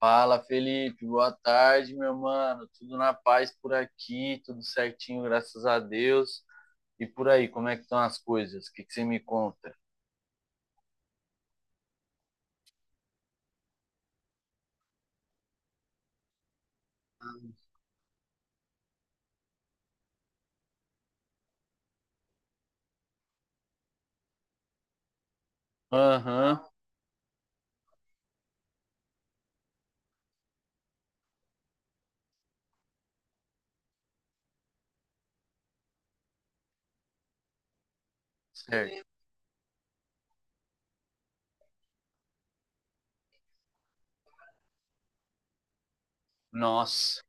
Fala, Felipe. Boa tarde, meu mano. Tudo na paz por aqui, tudo certinho, graças a Deus. E por aí, como é que estão as coisas? O que que você me conta? Aham, certo. Nossa.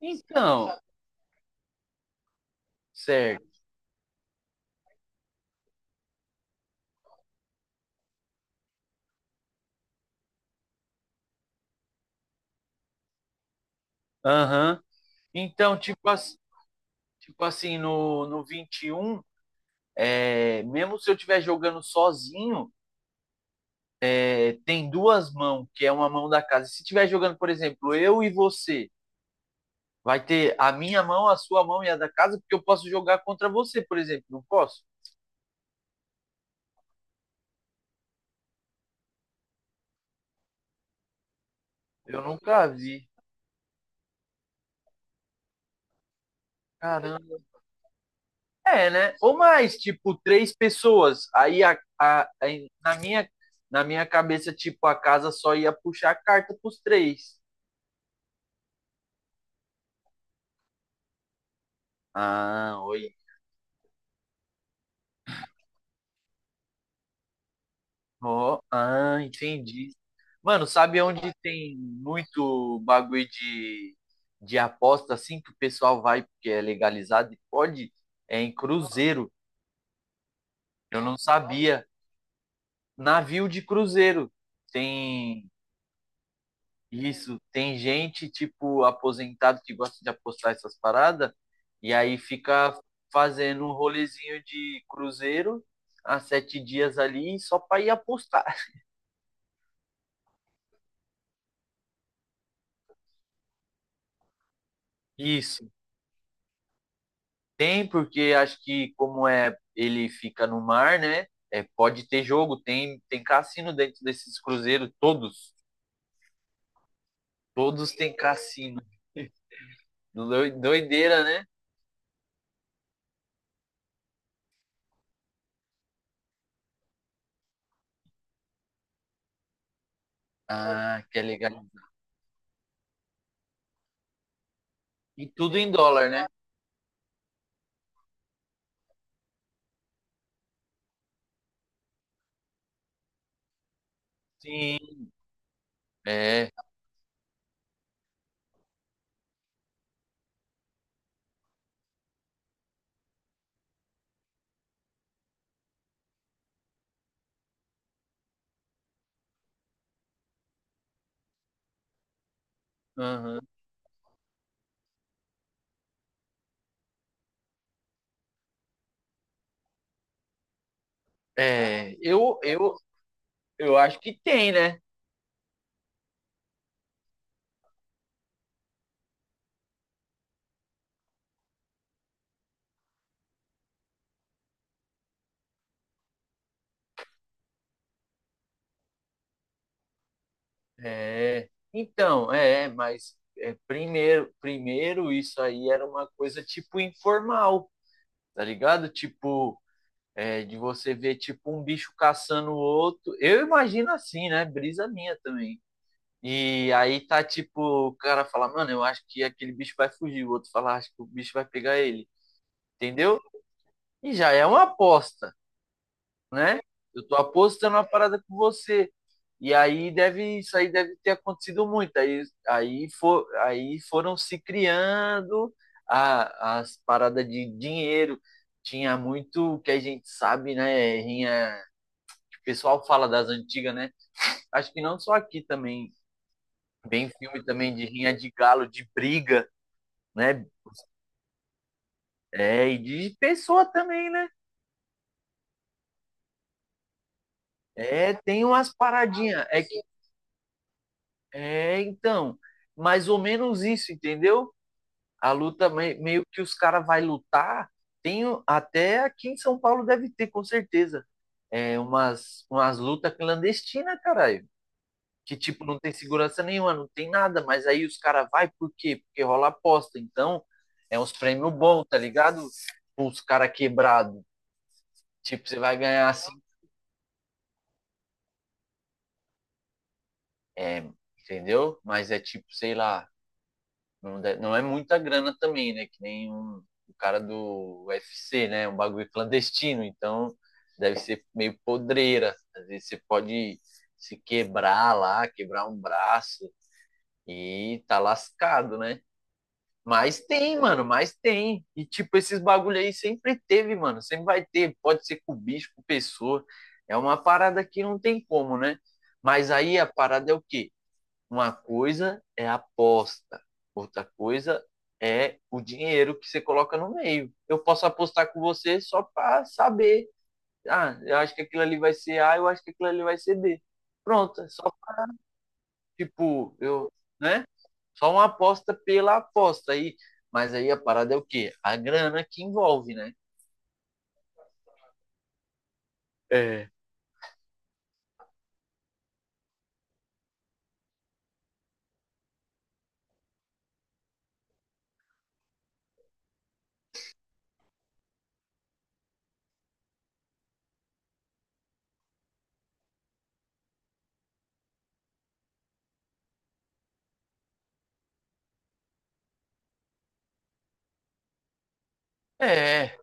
Então, certo. Aham. Então, tipo, tipo assim, no 21, mesmo se eu estiver jogando sozinho, tem duas mãos, que é uma mão da casa. Se estiver jogando, por exemplo, eu e você. Vai ter a minha mão, a sua mão e a da casa, porque eu posso jogar contra você, por exemplo. Não posso? Eu nunca vi. Caramba. É, né? Ou mais, tipo, três pessoas. Aí a- Na minha, na minha cabeça, tipo, a casa só ia puxar a carta pros três. Ah, oi. Ó, ah, entendi. Mano, sabe onde tem muito bagulho de aposta assim que o pessoal vai porque é legalizado e pode? É em cruzeiro. Eu não sabia. Navio de cruzeiro. Tem isso, tem gente tipo aposentado que gosta de apostar essas paradas e aí fica fazendo um rolezinho de cruzeiro há 7 dias ali só para ir apostar. Isso. Tem, porque acho que como é ele fica no mar, né? É, pode ter jogo, tem cassino dentro desses cruzeiros, todos. Todos têm cassino. Doideira, né? Ah, que é legal. E tudo em dólar, né? Sim. É, aham. é, eu, eu, eu acho que tem, né? É, mas primeiro, primeiro isso aí era uma coisa tipo informal, tá ligado? Tipo, de você ver tipo um bicho caçando o outro. Eu imagino assim, né? Brisa minha também. E aí tá tipo, o cara fala, mano, eu acho que aquele bicho vai fugir, o outro fala, acho que o bicho vai pegar ele, entendeu? E já é uma aposta, né? Eu tô apostando uma parada com você. E aí deve, isso aí deve ter acontecido muito. Aí foram se criando as paradas de dinheiro. Tinha muito o que a gente sabe, né? Rinha, que o pessoal fala das antigas, né? Acho que não só aqui também. Bem filme também de rinha de galo, de briga, né? É, e de pessoa também, né? É, tem umas paradinhas. É, então, Mais ou menos isso, entendeu? A luta, meio que os caras vai lutar, tem até aqui em São Paulo deve ter, com certeza. É umas, umas lutas clandestinas, caralho. Que, tipo, não tem segurança nenhuma, não tem nada, mas aí os caras vai por quê? Porque rola aposta. Então, é uns prêmios bons, tá ligado? Os caras quebrados. Tipo, você vai ganhar assim, é, entendeu? Mas é tipo, sei lá, não é muita grana também, né? Que nem um, o cara do UFC, né? Um bagulho clandestino. Então, deve ser meio podreira. Às vezes você pode se quebrar lá, quebrar um braço e tá lascado, né? Mas tem, mano, mas tem. E, tipo, esses bagulho aí sempre teve, mano. Sempre vai ter. Pode ser com bicho, com pessoa. É uma parada que não tem como, né? Mas aí a parada é o quê? Uma coisa é a aposta, outra coisa é o dinheiro que você coloca no meio. Eu posso apostar com você só para saber. Ah, eu acho que aquilo ali vai ser A, eu acho que aquilo ali vai ser B. Pronto, é só tipo, eu, né? Só uma aposta pela aposta aí. Mas aí a parada é o quê? A grana que envolve, né? É. É,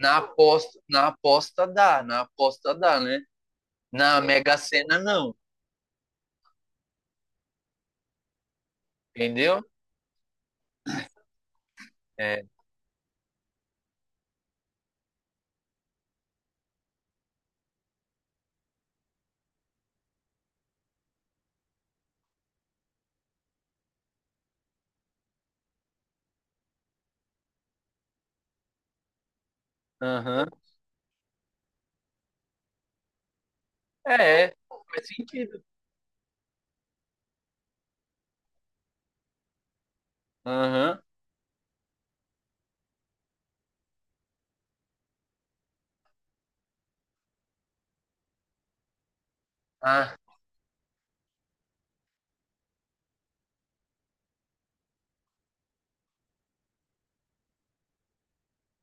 na aposta, na aposta dá, né? Na Mega Sena não, entendeu? É. Aham. É, é, faz sentido. Aham. Ah,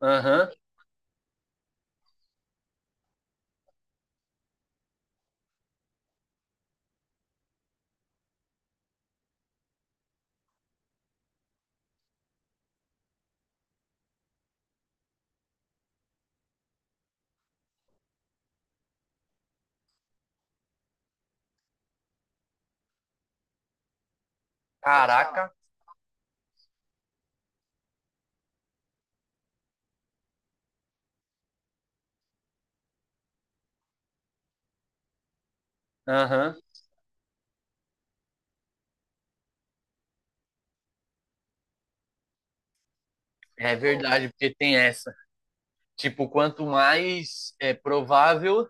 aham. Caraca. Aham. É verdade, porque tem essa. Tipo, quanto mais é provável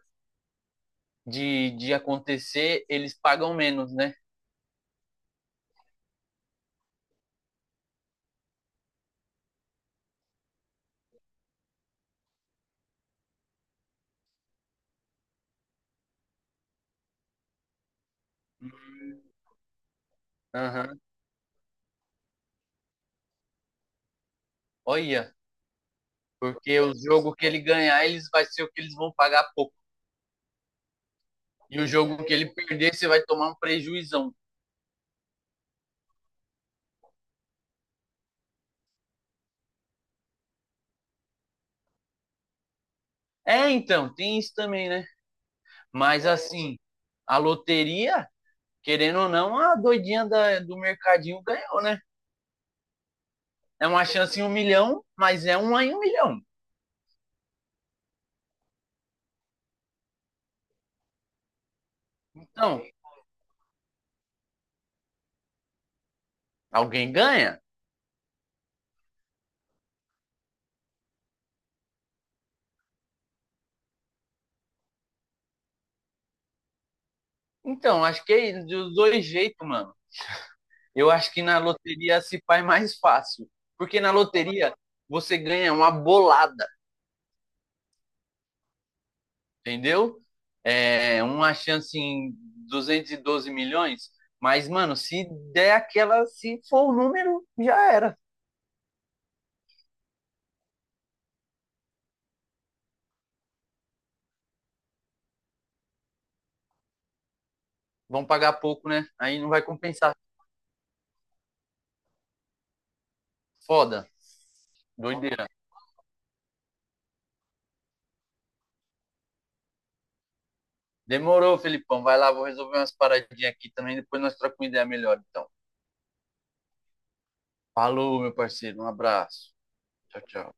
de acontecer, eles pagam menos, né? Aham. Olha, porque o jogo que ele ganhar, eles vai ser o que eles vão pagar pouco. E o jogo que ele perder, você vai tomar um prejuizão. É, então, tem isso também, né? Mas assim, a loteria, querendo ou não, do mercadinho ganhou, né? É uma chance em um milhão, mas é uma em um milhão. Então, alguém ganha? Então, acho que é dos dois jeitos, mano. Eu acho que na loteria se faz mais fácil. Porque na loteria você ganha uma bolada, entendeu? É uma chance em 212 milhões. Mas, mano, se der aquela, se for o número, já era. Vão pagar pouco, né? Aí não vai compensar. Foda. Doideira. Demorou, Felipão. Vai lá, vou resolver umas paradinhas aqui também. Depois nós trocamos uma ideia melhor, então. Falou, meu parceiro. Um abraço. Tchau, tchau.